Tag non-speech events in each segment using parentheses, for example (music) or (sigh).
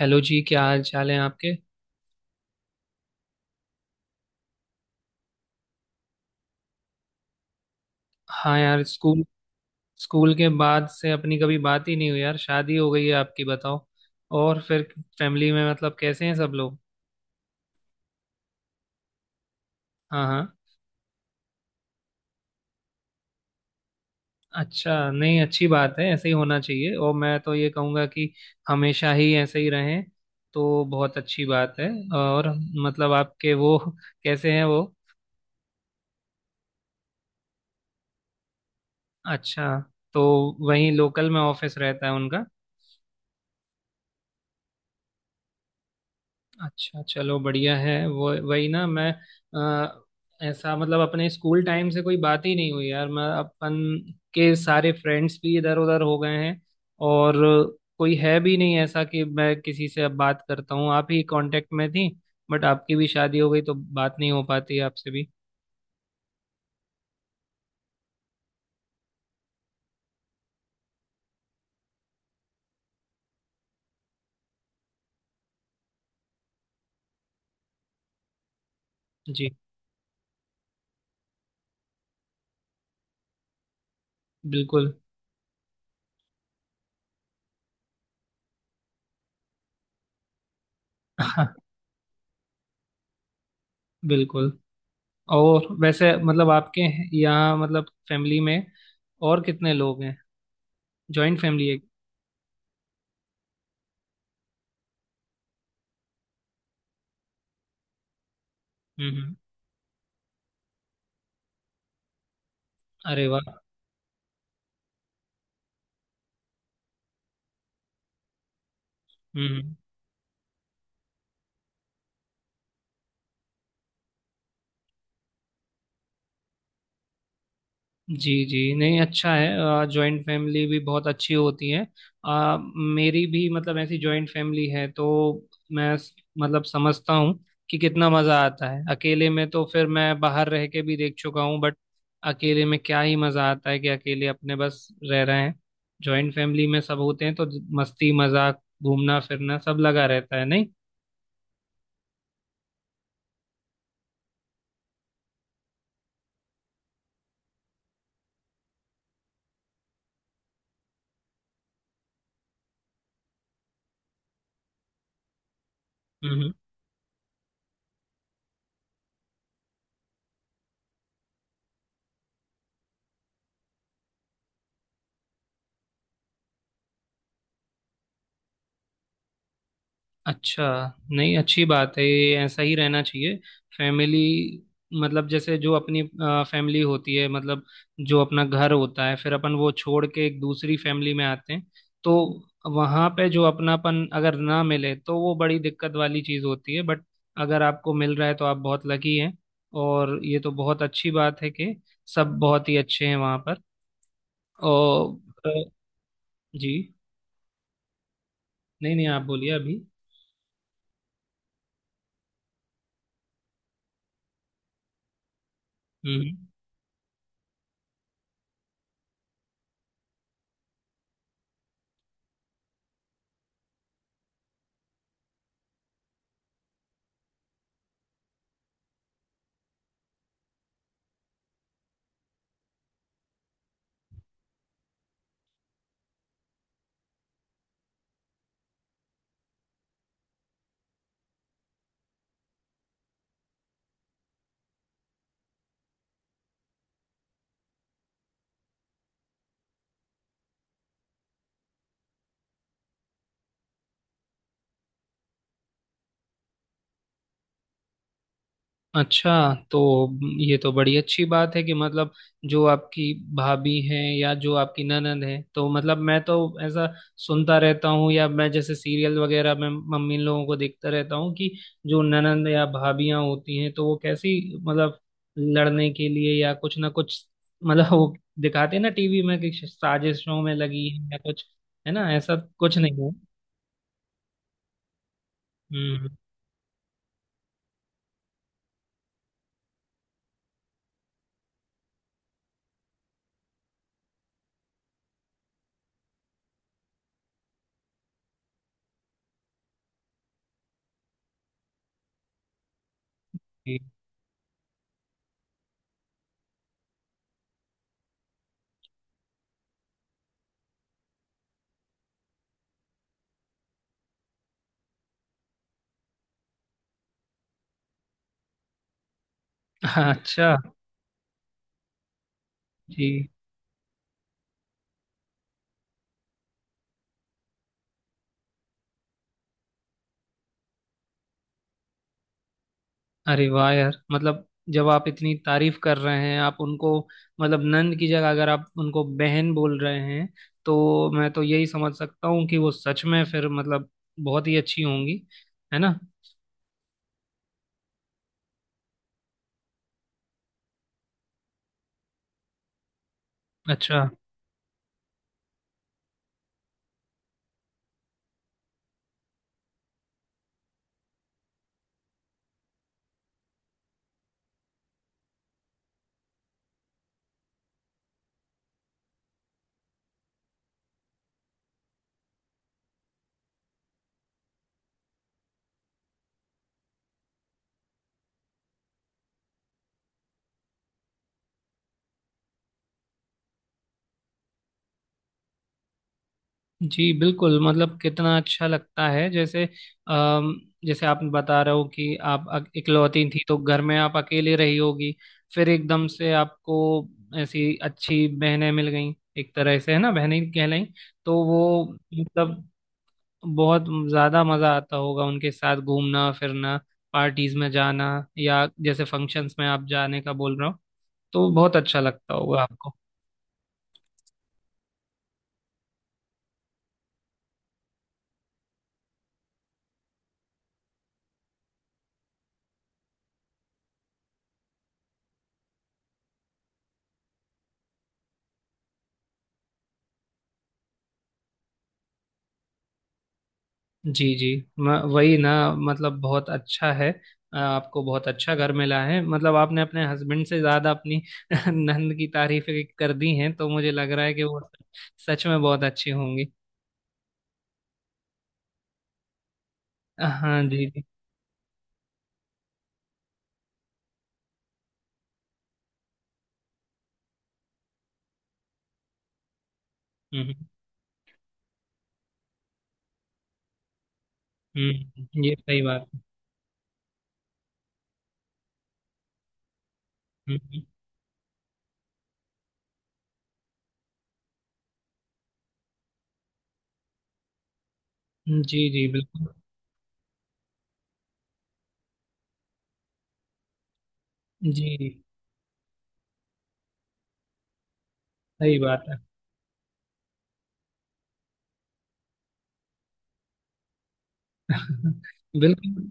Hello जी क्या हाल चाल है आपके। हाँ यार स्कूल। स्कूल के बाद से अपनी कभी बात ही नहीं हुई यार। शादी हो गई है आपकी, बताओ। और फिर फैमिली में मतलब कैसे हैं सब लोग। हाँ हाँ। अच्छा, नहीं अच्छी बात है, ऐसे ही होना चाहिए और मैं तो ये कहूँगा कि हमेशा ही ऐसे ही रहें तो बहुत अच्छी बात है। और मतलब आपके वो (laughs) कैसे हैं वो। अच्छा, तो वहीं लोकल में ऑफिस रहता है उनका। अच्छा चलो बढ़िया है। वो वही ना मैं अ, ऐसा मतलब अपने स्कूल टाइम से कोई बात ही नहीं हुई यार। मैं अपन के सारे फ्रेंड्स भी इधर उधर हो गए हैं और कोई है भी नहीं ऐसा कि मैं किसी से अब बात करता हूँ। आप ही कांटेक्ट में थी बट आपकी भी शादी हो गई तो बात नहीं हो पाती आपसे भी। जी बिल्कुल। (laughs) हाँ बिल्कुल। और वैसे मतलब आपके यहाँ मतलब फैमिली में और कितने लोग हैं, जॉइंट फैमिली है। हम्म। अरे वाह। हम्म हम्म। जी जी, नहीं अच्छा है, जॉइंट फैमिली भी बहुत अच्छी होती है। मेरी भी मतलब ऐसी जॉइंट फैमिली है तो मैं मतलब समझता हूँ कि कितना मज़ा आता है। अकेले में तो फिर मैं बाहर रह के भी देख चुका हूँ बट अकेले में क्या ही मज़ा आता है कि अकेले अपने बस रह रहे हैं। जॉइंट फैमिली में सब होते हैं तो मस्ती मजाक घूमना फिरना सब लगा रहता है नहीं। हम्म हम्म। अच्छा, नहीं अच्छी बात है ये, ऐसा ही रहना चाहिए। फैमिली मतलब जैसे जो अपनी फैमिली होती है, मतलब जो अपना घर होता है, फिर अपन वो छोड़ के एक दूसरी फैमिली में आते हैं तो वहाँ पे जो अपनापन अगर ना मिले तो वो बड़ी दिक्कत वाली चीज़ होती है। बट अगर आपको मिल रहा है तो आप बहुत लकी हैं। और ये तो बहुत अच्छी बात है कि सब बहुत ही अच्छे हैं वहाँ पर। और अ, जी। नहीं नहीं आप बोलिए अभी। हम्म। अच्छा, तो ये तो बड़ी अच्छी बात है कि मतलब जो आपकी भाभी है या जो आपकी ननद है तो मतलब मैं तो ऐसा सुनता रहता हूँ या मैं जैसे सीरियल वगैरह में मम्मी इन लोगों को देखता रहता हूँ कि जो ननद या भाभियाँ होती हैं तो वो कैसी मतलब लड़ने के लिए या कुछ ना कुछ मतलब, वो दिखाते हैं ना टीवी में कि साजिशों में लगी है या कुछ, है ना, ऐसा कुछ नहीं है। हम्म। जी। अच्छा। जी। अरे वाह यार, मतलब जब आप इतनी तारीफ कर रहे हैं आप उनको, मतलब नंद की जगह अगर आप उनको बहन बोल रहे हैं तो मैं तो यही समझ सकता हूँ कि वो सच में फिर मतलब बहुत ही अच्छी होंगी, है ना। अच्छा। जी बिल्कुल, मतलब कितना अच्छा लगता है जैसे अम, जैसे आप बता रहे हो कि आप इकलौती थी तो घर में आप अकेले रही होगी, फिर एकदम से आपको ऐसी अच्छी बहनें मिल गई, एक तरह से है ना, बहनें कहलाई तो वो मतलब बहुत ज्यादा मजा आता होगा उनके साथ घूमना फिरना, पार्टीज में जाना, या जैसे फंक्शंस में आप जाने का बोल रहा हूँ तो बहुत अच्छा लगता होगा आपको। जी जी, वही ना मतलब बहुत अच्छा है। आपको बहुत अच्छा घर मिला है, मतलब आपने अपने हस्बैंड से ज्यादा अपनी (laughs) नंद की तारीफें कर दी हैं तो मुझे लग रहा है कि वो सच में बहुत अच्छी होंगी। हाँ जी जी। हम्म। हम्म। ये सही बात है। हम्म। जी जी बिल्कुल। जी सही बात है। बिल्कुल।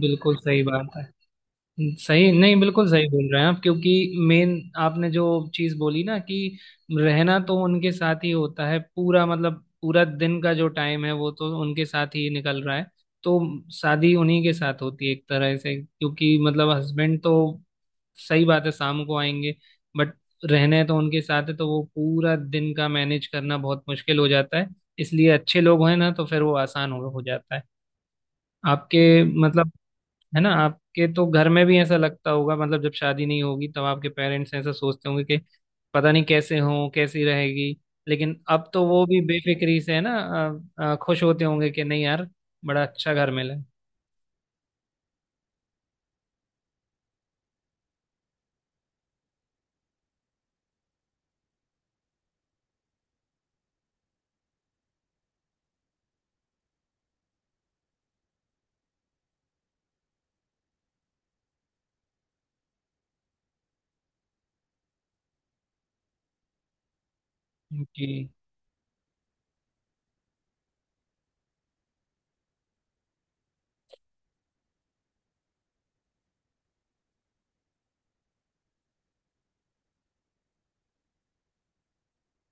बिल्कुल सही बात है। सही नहीं, बिल्कुल सही बोल रहे हैं आप, क्योंकि मेन आपने जो चीज बोली ना कि रहना तो उनके साथ ही होता है पूरा, मतलब पूरा दिन का जो टाइम है वो तो उनके साथ ही निकल रहा है, तो शादी उन्हीं के साथ होती है एक तरह से, क्योंकि मतलब हस्बैंड तो, सही बात है, शाम को आएंगे बट रहने तो उनके साथ है तो वो पूरा दिन का मैनेज करना बहुत मुश्किल हो जाता है, इसलिए अच्छे लोग हैं ना तो फिर वो आसान हो जाता है आपके मतलब। है ना, आपके तो घर में भी ऐसा लगता होगा, मतलब जब शादी नहीं होगी तब आपके पेरेंट्स ऐसा सोचते होंगे कि पता नहीं कैसे हो, कैसी रहेगी, लेकिन अब तो वो भी बेफिक्री से है ना, खुश होते होंगे कि नहीं यार बड़ा अच्छा घर मिला है।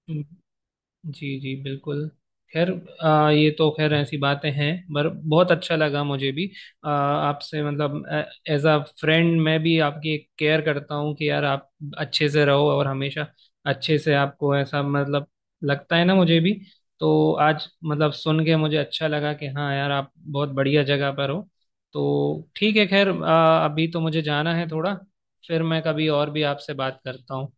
जी जी। जी बिल्कुल। खैर, ये तो खैर ऐसी बातें हैं पर बहुत अच्छा लगा मुझे भी आपसे, मतलब एज अ फ्रेंड मैं भी आपकी केयर करता हूँ कि यार आप अच्छे से रहो और हमेशा अच्छे से, आपको ऐसा मतलब लगता है ना मुझे भी, तो आज मतलब सुन के मुझे अच्छा लगा कि हाँ यार आप बहुत बढ़िया जगह पर हो। तो ठीक है, खैर अभी तो मुझे जाना है थोड़ा, फिर मैं कभी और भी आपसे बात करता हूँ।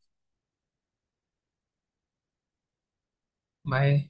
बाय।